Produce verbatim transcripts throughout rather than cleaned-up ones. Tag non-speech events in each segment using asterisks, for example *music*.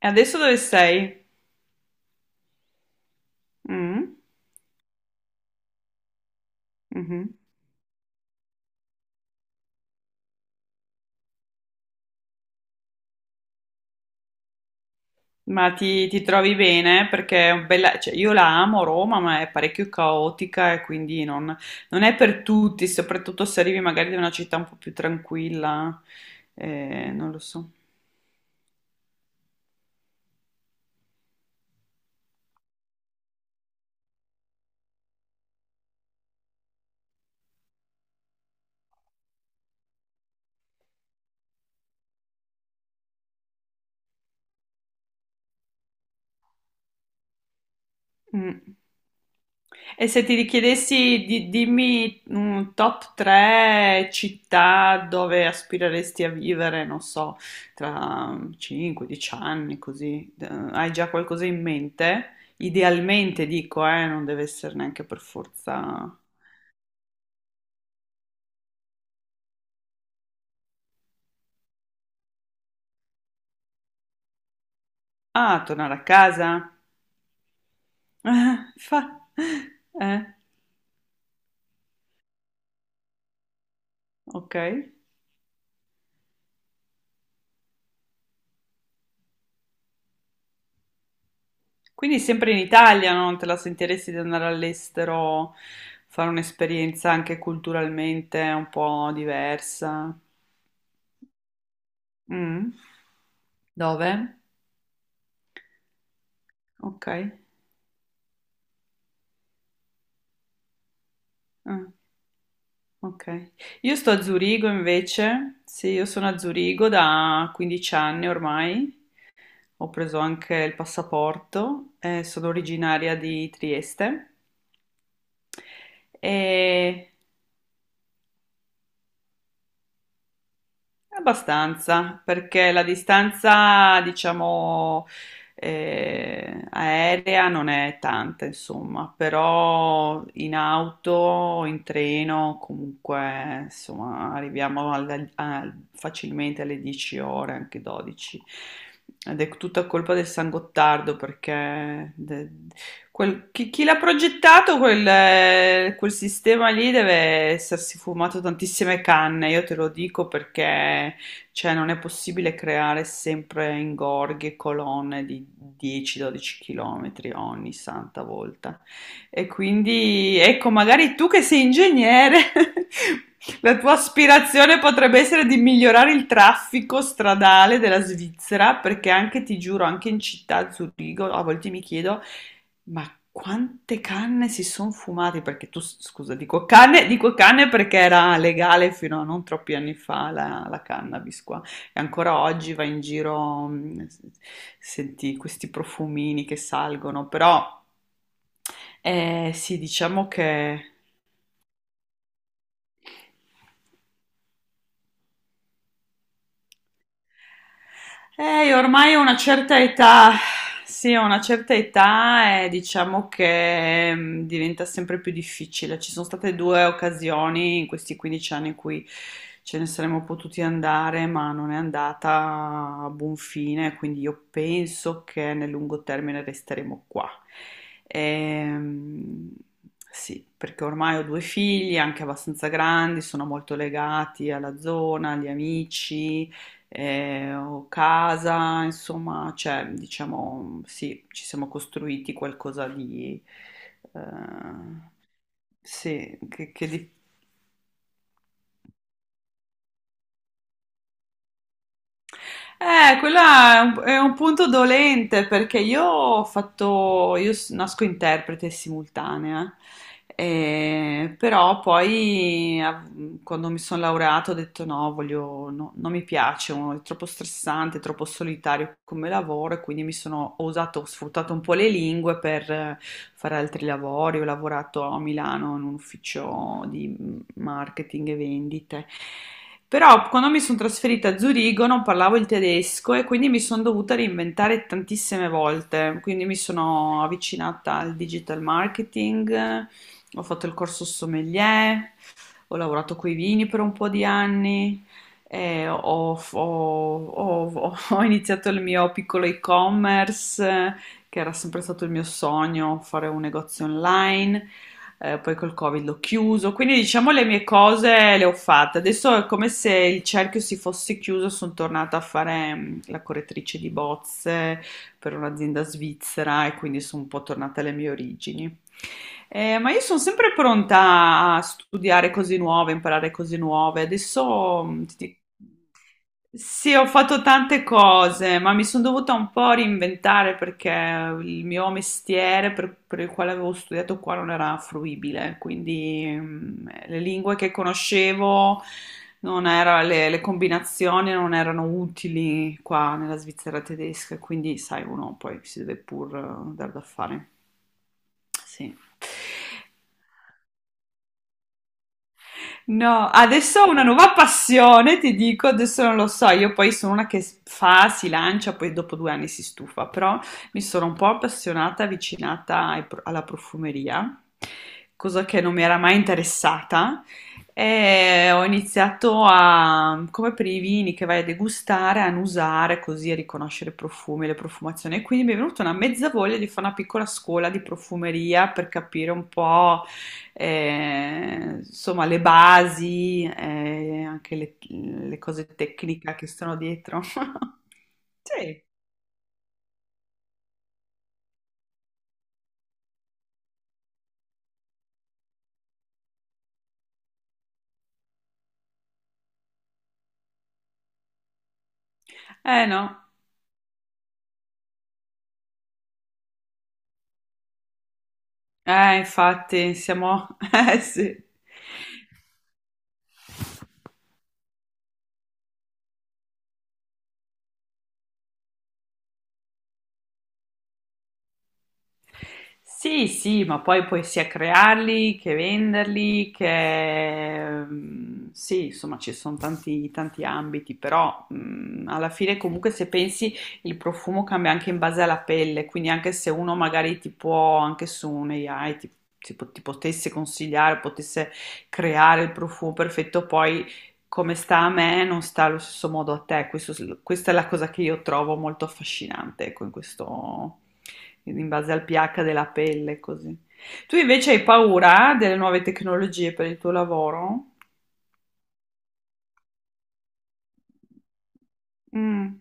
E adesso dove sei? Mm? Mhm. Ma ti, ti trovi bene? Perché è un bella. Cioè, io la amo Roma, ma è parecchio caotica e quindi non, non è per tutti, soprattutto se arrivi magari da una città un po' più tranquilla. Eh, non lo so. Mm. E se ti richiedessi di dimmi un top tre città dove aspireresti a vivere, non so, tra cinque dieci anni, così, eh, hai già qualcosa in mente? Idealmente dico, eh, non deve essere neanche per forza. Ah, tornare a casa? *laughs* Fa... Eh, ok. Quindi sempre in Italia, no? non te la sentiresti di andare all'estero, fare un'esperienza anche culturalmente un po' diversa? Mm? Dove? Ok. Ah, ok. Io sto a Zurigo invece, sì, io sono a Zurigo da quindici anni ormai, ho preso anche il passaporto, eh, sono originaria di Trieste e Abbastanza, perché la distanza, diciamo, eh, aerea non è tanta, insomma, però in auto, in treno, comunque, insomma, arriviamo al- al- facilmente alle dieci ore, anche dodici. Ed è tutta colpa del San Gottardo perché de- Quel- chi chi l'ha progettato quel, eh, quel sistema lì deve essersi fumato tantissime canne, io te lo dico perché cioè, non è possibile creare sempre ingorghi e colonne di dieci dodici km ogni santa volta. E quindi, ecco, magari tu che sei ingegnere, *laughs* la tua aspirazione potrebbe essere di migliorare il traffico stradale della Svizzera, perché anche, ti giuro, anche in città, a Zurigo, a volte mi chiedo ma quante canne si son fumati? Perché tu, s- scusa, dico canne, dico canne perché era legale fino a non troppi anni fa la, la cannabis qua. E ancora oggi vai in giro, mh, senti questi profumini che salgono, però eh, sì, diciamo che. Eh, io ormai ho una certa età, sì, ho una certa età e diciamo che mm, diventa sempre più difficile. Ci sono state due occasioni in questi quindici anni in cui ce ne saremmo potuti andare, ma non è andata a buon fine, quindi io penso che nel lungo termine resteremo qua. Ehm, sì, perché ormai ho due figli, anche abbastanza grandi, sono molto legati alla zona, agli amici eh, o casa, insomma, cioè, diciamo, sì, ci siamo costruiti qualcosa di, eh, sì, che, che di. Eh, quella è un, è un punto dolente perché io ho fatto, io s- nasco interprete simultanea. Eh, però poi av- quando mi sono laureato ho detto no, voglio, no, non mi piace, è troppo stressante, è troppo solitario come lavoro e quindi mi sono ho usato, ho sfruttato un po' le lingue per eh, fare altri lavori, ho lavorato a Milano in un ufficio di marketing e vendite. Però quando mi sono trasferita a Zurigo non parlavo il tedesco e quindi mi sono dovuta reinventare tantissime volte. Quindi mi sono avvicinata al digital marketing, ho fatto il corso sommelier, ho lavorato coi vini per un po' di anni, eh, ho, ho- ho- ho iniziato il mio piccolo e-commerce, eh, che era sempre stato il mio sogno, fare un negozio online. Eh, poi col Covid l'ho chiuso, quindi diciamo le mie cose le ho fatte. Adesso è come se il cerchio si fosse chiuso, sono tornata a fare mm, la correttrice di bozze, per un'azienda svizzera e quindi sono un po' tornata alle mie origini. Eh, ma io sono sempre pronta a studiare cose nuove, imparare cose nuove. Adesso mh, ti dico, sì, ho fatto tante cose, ma mi sono dovuta un po' reinventare perché il mio mestiere per, per il quale avevo studiato qua non era fruibile, quindi mm, le lingue che conoscevo non era- le, le combinazioni non erano utili qua nella Svizzera tedesca, quindi sai, uno poi si deve pur eh, dar da fare. Sì. No, adesso ho una nuova passione, ti dico, adesso non lo so, io poi sono una che s- fa, si lancia, poi dopo due anni si stufa, però mi sono un po' appassionata, avvicinata ai pro- alla profumeria, cosa che non mi era mai interessata, e ho iniziato a, come per i vini che vai a degustare, a annusare così, a riconoscere i profumi, le profumazioni, e quindi mi è venuta una mezza voglia di fare una piccola scuola di profumeria per capire un po' eh, insomma, le basi, eh, anche le, le cose tecniche che sono dietro. *laughs* Sì, eh no, eh infatti siamo, *laughs* eh sì. Sì, sì, ma poi puoi sia crearli che venderli, che ehm, sì, insomma ci sono tanti, tanti ambiti, però mh, alla fine comunque se pensi il profumo cambia anche in base alla pelle, quindi anche se uno magari ti può, anche su un ai, ti, ti po- ti potesse consigliare, potesse creare il profumo perfetto, poi come sta a me non sta allo stesso modo a te. Questo- questa è la cosa che io trovo molto affascinante, ecco, in questo in base al pH della pelle, così. Tu invece hai paura delle nuove tecnologie per il tuo lavoro? Mm,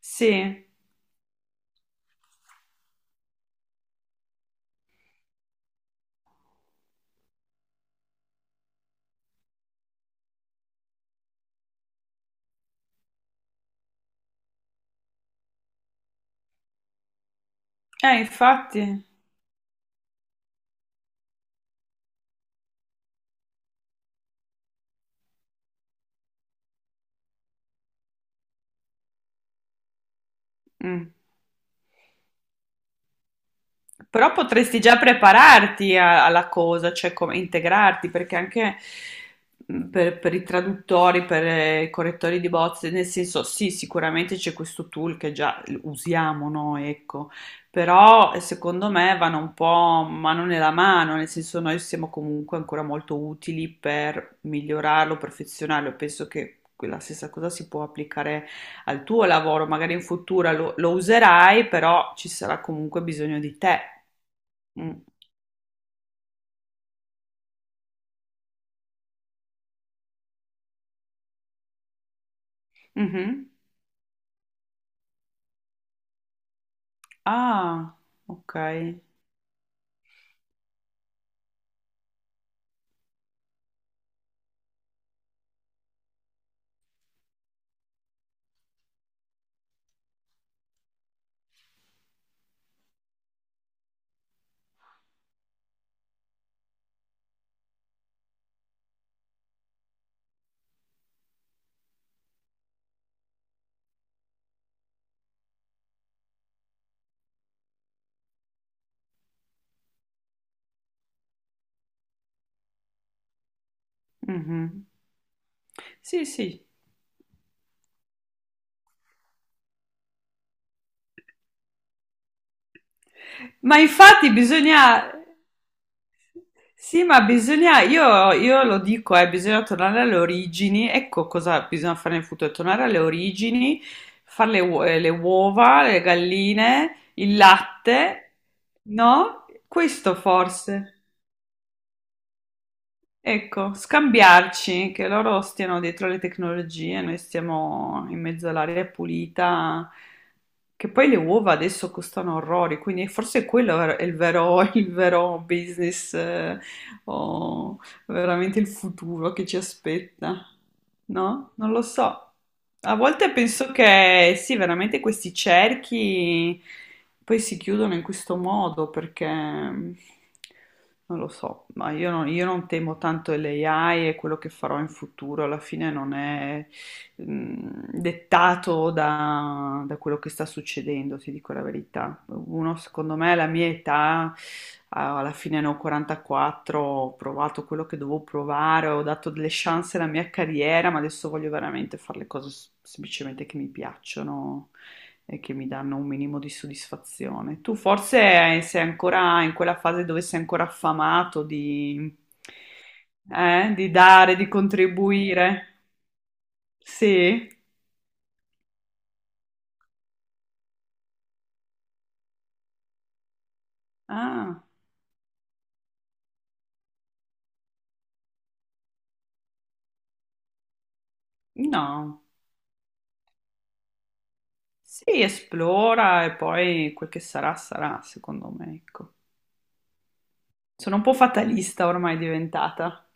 sì, eh, infatti. Mm. Però potresti già prepararti a- alla cosa, cioè come integrarti, perché anche mh, per, per i traduttori, per eh, i correttori di bozze, nel senso, sì, sicuramente c'è questo tool che già usiamo noi, ecco, però eh, secondo me vanno un po' mano nella mano, nel senso noi siamo comunque ancora molto utili per migliorarlo, perfezionarlo, penso che la stessa cosa si può applicare al tuo lavoro, magari in futuro lo, lo userai, però ci sarà comunque bisogno di te. Mm. Mhm. Ah, ok. Mhm. Sì, sì. Ma infatti bisogna. Sì, ma bisogna, io, io lo dico, eh, bisogna tornare alle origini, ecco cosa bisogna fare nel futuro, tornare alle origini, fare le, uo- eh, le uova, le galline, il latte, no? Questo forse. Ecco, scambiarci, che loro stiano dietro le tecnologie, noi stiamo in mezzo all'aria pulita, che poi le uova adesso costano orrori, quindi forse quello è il vero, il vero business, eh, o veramente il futuro che ci aspetta. No? Non lo so. A volte penso che sì, veramente questi cerchi poi si chiudono in questo modo perché non lo so, ma io non, io non temo tanto l'A I e quello che farò in futuro, alla fine non è mh, dettato da, da quello che sta succedendo, ti dico la verità. Uno, secondo me, alla mia età, a- alla fine ne ho quarantaquattro, ho provato quello che dovevo provare, ho dato delle chance alla mia carriera, ma adesso voglio veramente fare le cose s- semplicemente che mi piacciono e che mi danno un minimo di soddisfazione. Tu forse sei ancora in quella fase dove sei ancora affamato di, eh, di dare, di contribuire. Sì. Ah, no. Si esplora e poi quel che sarà, sarà, secondo me, ecco. Sono un po' fatalista ormai diventata.